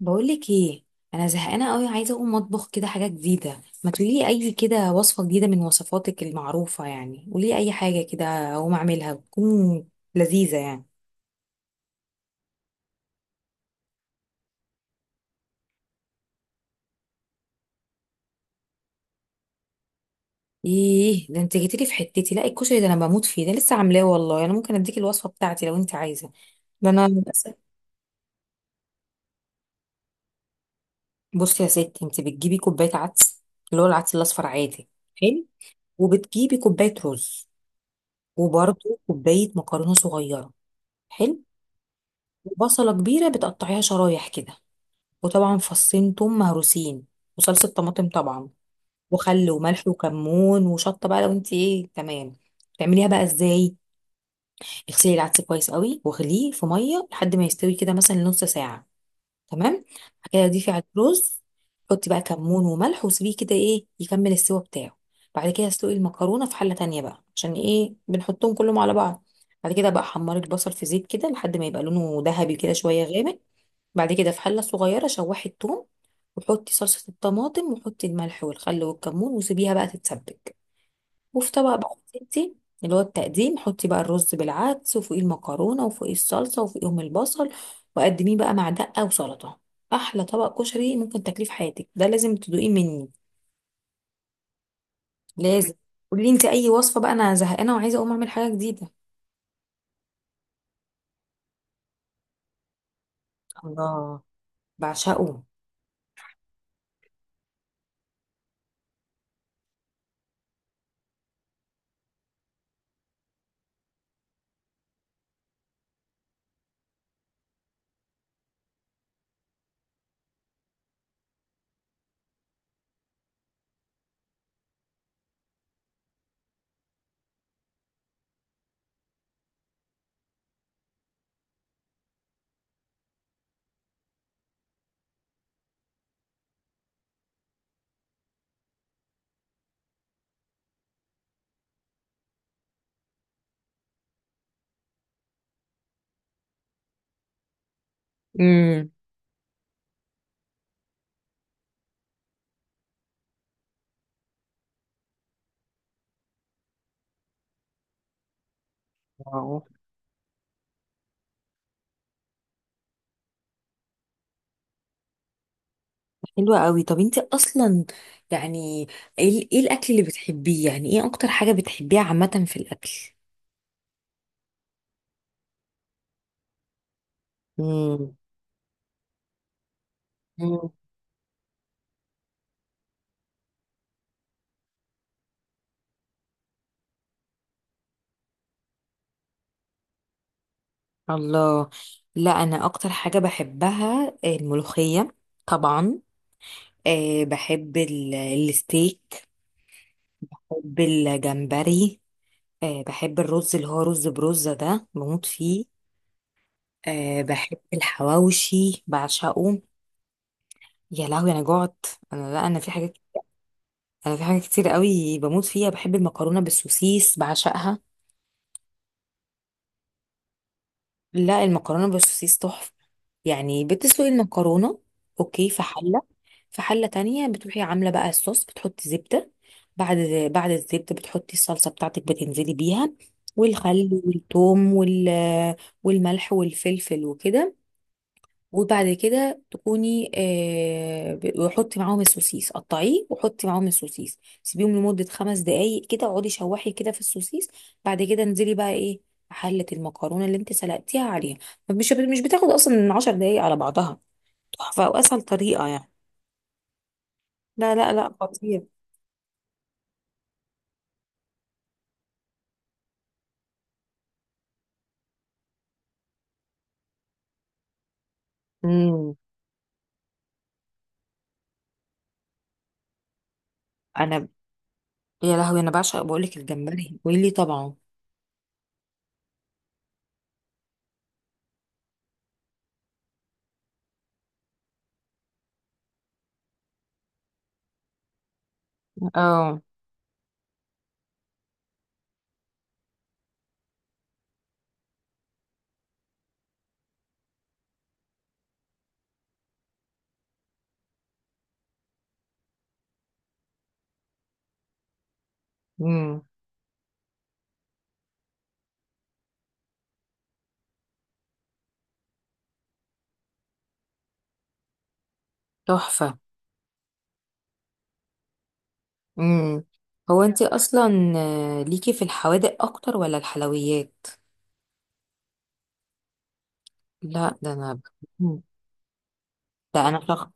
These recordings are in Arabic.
بقولك ايه؟ انا زهقانه قوي، عايزه اقوم اطبخ كده حاجه جديده. ما تقولي اي كده وصفه جديده من وصفاتك المعروفه، يعني قولي اي حاجه كده اقوم اعملها تكون لذيذه يعني. ايه ده، انت جيتيلي في حتتي؟ لا الكشري ده انا بموت فيه، ده لسه عاملاه والله. انا ممكن اديك الوصفه بتاعتي لو انت عايزه. ده انا للأسف-. بصي يا ستي، انت بتجيبي كوبايه عدس، اللي هو العدس الاصفر عادي. حلو. وبتجيبي كوبايه رز، وبرده كوبايه مكرونه صغيره. حلو. وبصله كبيره بتقطعيها شرايح كده، وطبعا فصين توم مهروسين، وصلصه طماطم طبعا، وخل وملح وكمون وشطه، بقى لو انت ايه، تمام. تعمليها بقى ازاي؟ اغسلي العدس كويس قوي واغليه في ميه لحد ما يستوي كده، مثلا نص ساعه. تمام. بعد كده ضيفي على الرز، حطي بقى كمون وملح وسيبيه كده ايه يكمل السوا بتاعه. بعد كده اسلقي المكرونه في حله تانية بقى، عشان ايه بنحطهم كلهم على بعض. بعد كده بقى حمري البصل في زيت كده لحد ما يبقى لونه ذهبي كده، شويه غامق. بعد كده في حلة صغيرة شوحي التوم، وحطي صلصة الطماطم، وحطي الملح والخل والكمون وسيبيها بقى تتسبك. وفي طبق بقى ستي، اللي هو التقديم، حطي بقى الرز بالعدس، وفوقيه المكرونة، وفوقيه الصلصة، وفوقيهم البصل. وقدميه بقى مع دقة وسلطة. أحلى طبق كشري ممكن تاكليه في حياتك، ده لازم تدوقيه مني. لازم. قولي انت أي وصفة بقى، أنا زهقانة وعايزة أقوم أعمل حاجة جديدة. الله. بعشقه. امم. حلوة قوي. طب انت اصلا يعني ايه إيه الاكل اللي بتحبيه، يعني ايه اكتر حاجة بتحبيها عامة في الاكل؟ مم. مم. الله. لا انا اكتر حاجة بحبها الملوخية، طبعا. أه بحب الستيك. بحب الجمبري. أه بحب الرز اللي هو رز برزة، ده بموت فيه. أه بحب الحواوشي، بعشقه. يا لهوي انا جعت. انا لا انا في حاجات. انا في حاجات كتير قوي بموت فيها، بحب المكرونه بالسوسيس بعشقها. لا المكرونه بالسوسيس تحفه. يعني بتسلقي المكرونه، اوكي، في حله. في حله تانية بتروحي عامله بقى الصوص، بتحطي زبده. بعد بعد الزبده بتحطي الصلصه بتاعتك، بتنزلي بيها والخل والثوم والملح والفلفل وكده. وبعد كده تكوني وحطي معاهم السوسيس، قطعيه وحطي معاهم السوسيس، سيبيهم لمدة 5 دقايق كده، اقعدي شوحي كده في السوسيس. بعد كده انزلي بقى ايه حلة المكرونة اللي انت سلقتيها عليها. مش بتاخد اصلا من 10 دقايق على بعضها. تحفة واسهل طريقة يعني. لا لا لا، خطير. امم. انا، يا لهوي، انا بعشق. بقولك، الجمبري ويلي، طبعا. اه. امم. تحفة. امم. هو انت اصلا ليكي في الحوادق اكتر ولا الحلويات؟ لا ده انا. مم. ده انا شخص.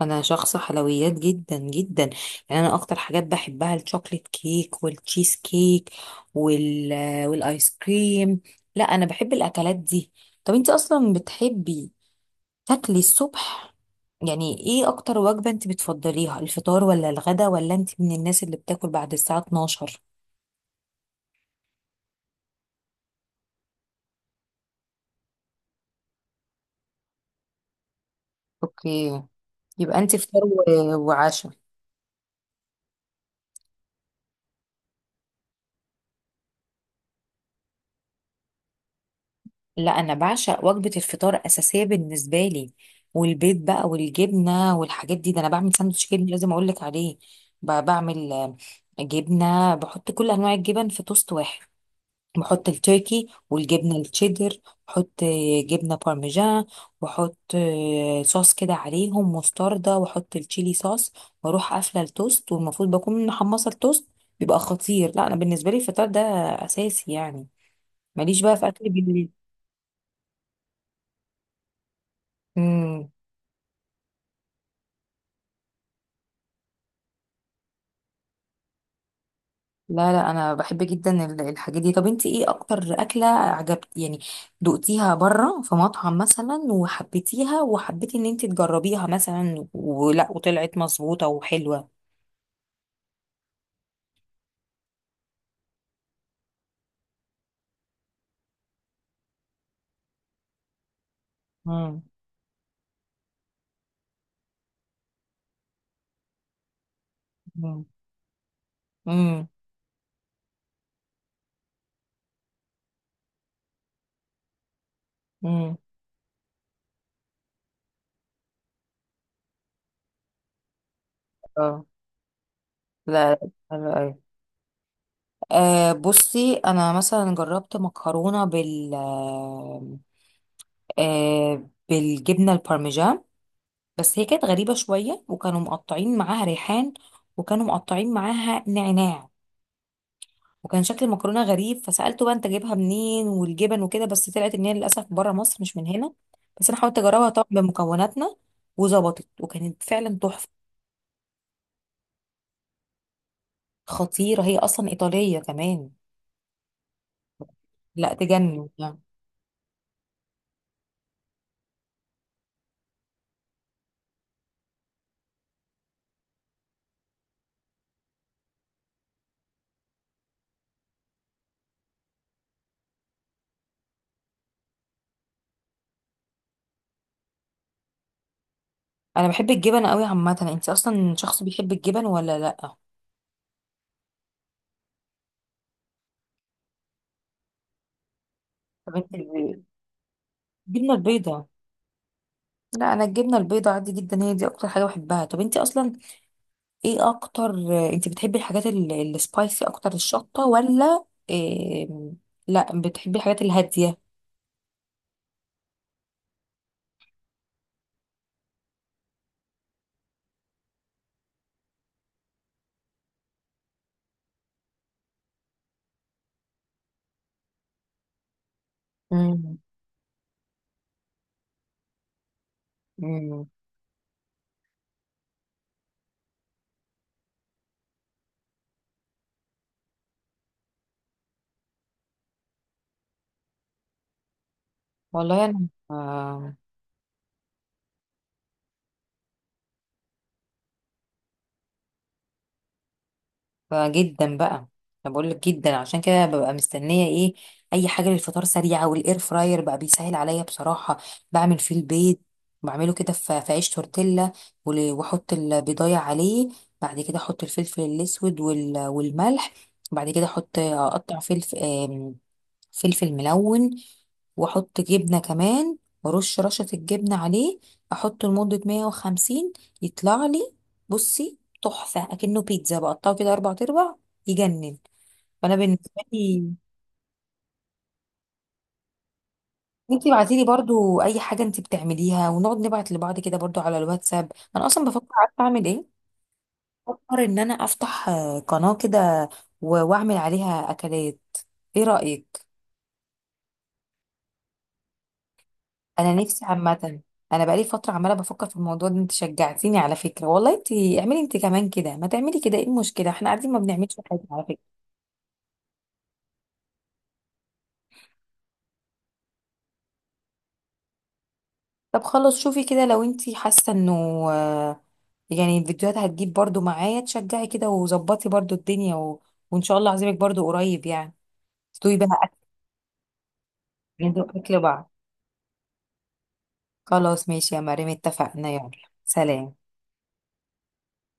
انا شخص حلويات جدا جدا. يعني انا اكتر حاجات بحبها الشوكليت كيك والتشيز كيك، والايس كريم. لا انا بحب الاكلات دي. طب انت اصلا بتحبي تاكلي الصبح، يعني ايه اكتر وجبة انت بتفضليها، الفطار ولا الغدا، ولا انت من الناس اللي بتاكل بعد الساعة 12؟ اوكي. يبقى انت فطار وعشاء. لا انا بعشق وجبه الفطار، اساسيه بالنسبه لي. والبيض بقى والجبنه والحاجات دي، ده انا بعمل ساندوتش جبنه لازم اقول لك عليه. بعمل جبنه، بحط كل انواع الجبن في توست واحد. بحط التركي والجبنه التشيدر. بحط جبنه بارميجان. واحط صوص كده عليهم مستردة، واحط التشيلي صوص. واروح قافله التوست، والمفروض بكون محمصه التوست. بيبقى خطير. لا انا بالنسبه لي الفطار ده اساسي يعني، ماليش بقى في اكل بالليل. امم. لا لا انا بحب جدا الحاجات دي. طب انت ايه اكتر اكله عجبت يعني، دقتيها بره في مطعم مثلا، وحبيتيها، وحبيتي ان انت تجربيها مثلا، ولا وطلعت مظبوطه وحلوه؟ امم. امم. امم. اه. لا لا، حلو أوي. آه بصي انا مثلا جربت مكرونه بال آه بالجبنه البارميجان، بس هي كانت غريبة شوية، وكانوا مقطعين معاها ريحان، وكانوا مقطعين معاها نعناع، وكان شكل المكرونة غريب. فسألته بقى انت جايبها منين والجبن وكده، بس طلعت ان هي للأسف بره مصر، مش من هنا. بس انا حاولت اجربها طبعا بمكوناتنا، وظبطت وكانت فعلا تحفة. خطيرة، هي اصلا ايطالية كمان. لا تجنن يعني. انا بحب الجبن قوي عامة. انت اصلا شخص بيحب الجبن ولا لا؟ طب انت. الجبنة البيضاء. لا انا الجبنة البيضاء عادي جدا، هي دي اكتر حاجة بحبها. طب انت اصلا ايه اكتر؟ انت بتحبي الحاجات السبايسي اكتر، الشطة، ولا إيه... لا بتحبي الحاجات الهادية؟ مم. مم. والله انا آه... آه، جدا بقى. انا بقول لك جدا. عشان كده ببقى مستنية ايه اي حاجة للفطار سريعة، والاير فراير بقى بيسهل عليا بصراحة. بعمل فيه البيض. بعمله كده في عيش تورتيلا، واحط البيضايه عليه. بعد كده احط الفلفل الاسود والملح. بعد كده احط اقطع فلفل، فلفل ملون. واحط جبنه كمان، وارش رشه الجبنه عليه. احطه لمده 150، يطلع لي. بصي تحفه، اكنه بيتزا، بقطعه كده 4 ارباع. يجنن. فانا بالنسبه لي، انتي ابعتي لي برضو اي حاجه انتي بتعمليها، ونقعد نبعت لبعض كده برضو على الواتساب. انا اصلا بفكر، عارفه اعمل ايه؟ بفكر ان انا افتح قناه كده، واعمل عليها اكلات. ايه رايك؟ انا نفسي عامه، انا بقالي فتره عماله بفكر في الموضوع ده. انت شجعتيني على فكره والله. انت اعملي انت كمان كده، ما تعملي كده، ايه المشكله، احنا قاعدين ما بنعملش حاجه على فكره. طب خلاص، شوفي كده لو انت حاسه انه آه، يعني الفيديوهات هتجيب برضو، معايا تشجعي كده وظبطي برضو الدنيا وان شاء الله عزيمك برضو قريب يعني، تدوي بقى اكل. ندوق اكل بعض. خلاص ماشي يا مريم، اتفقنا، يلا. سلام.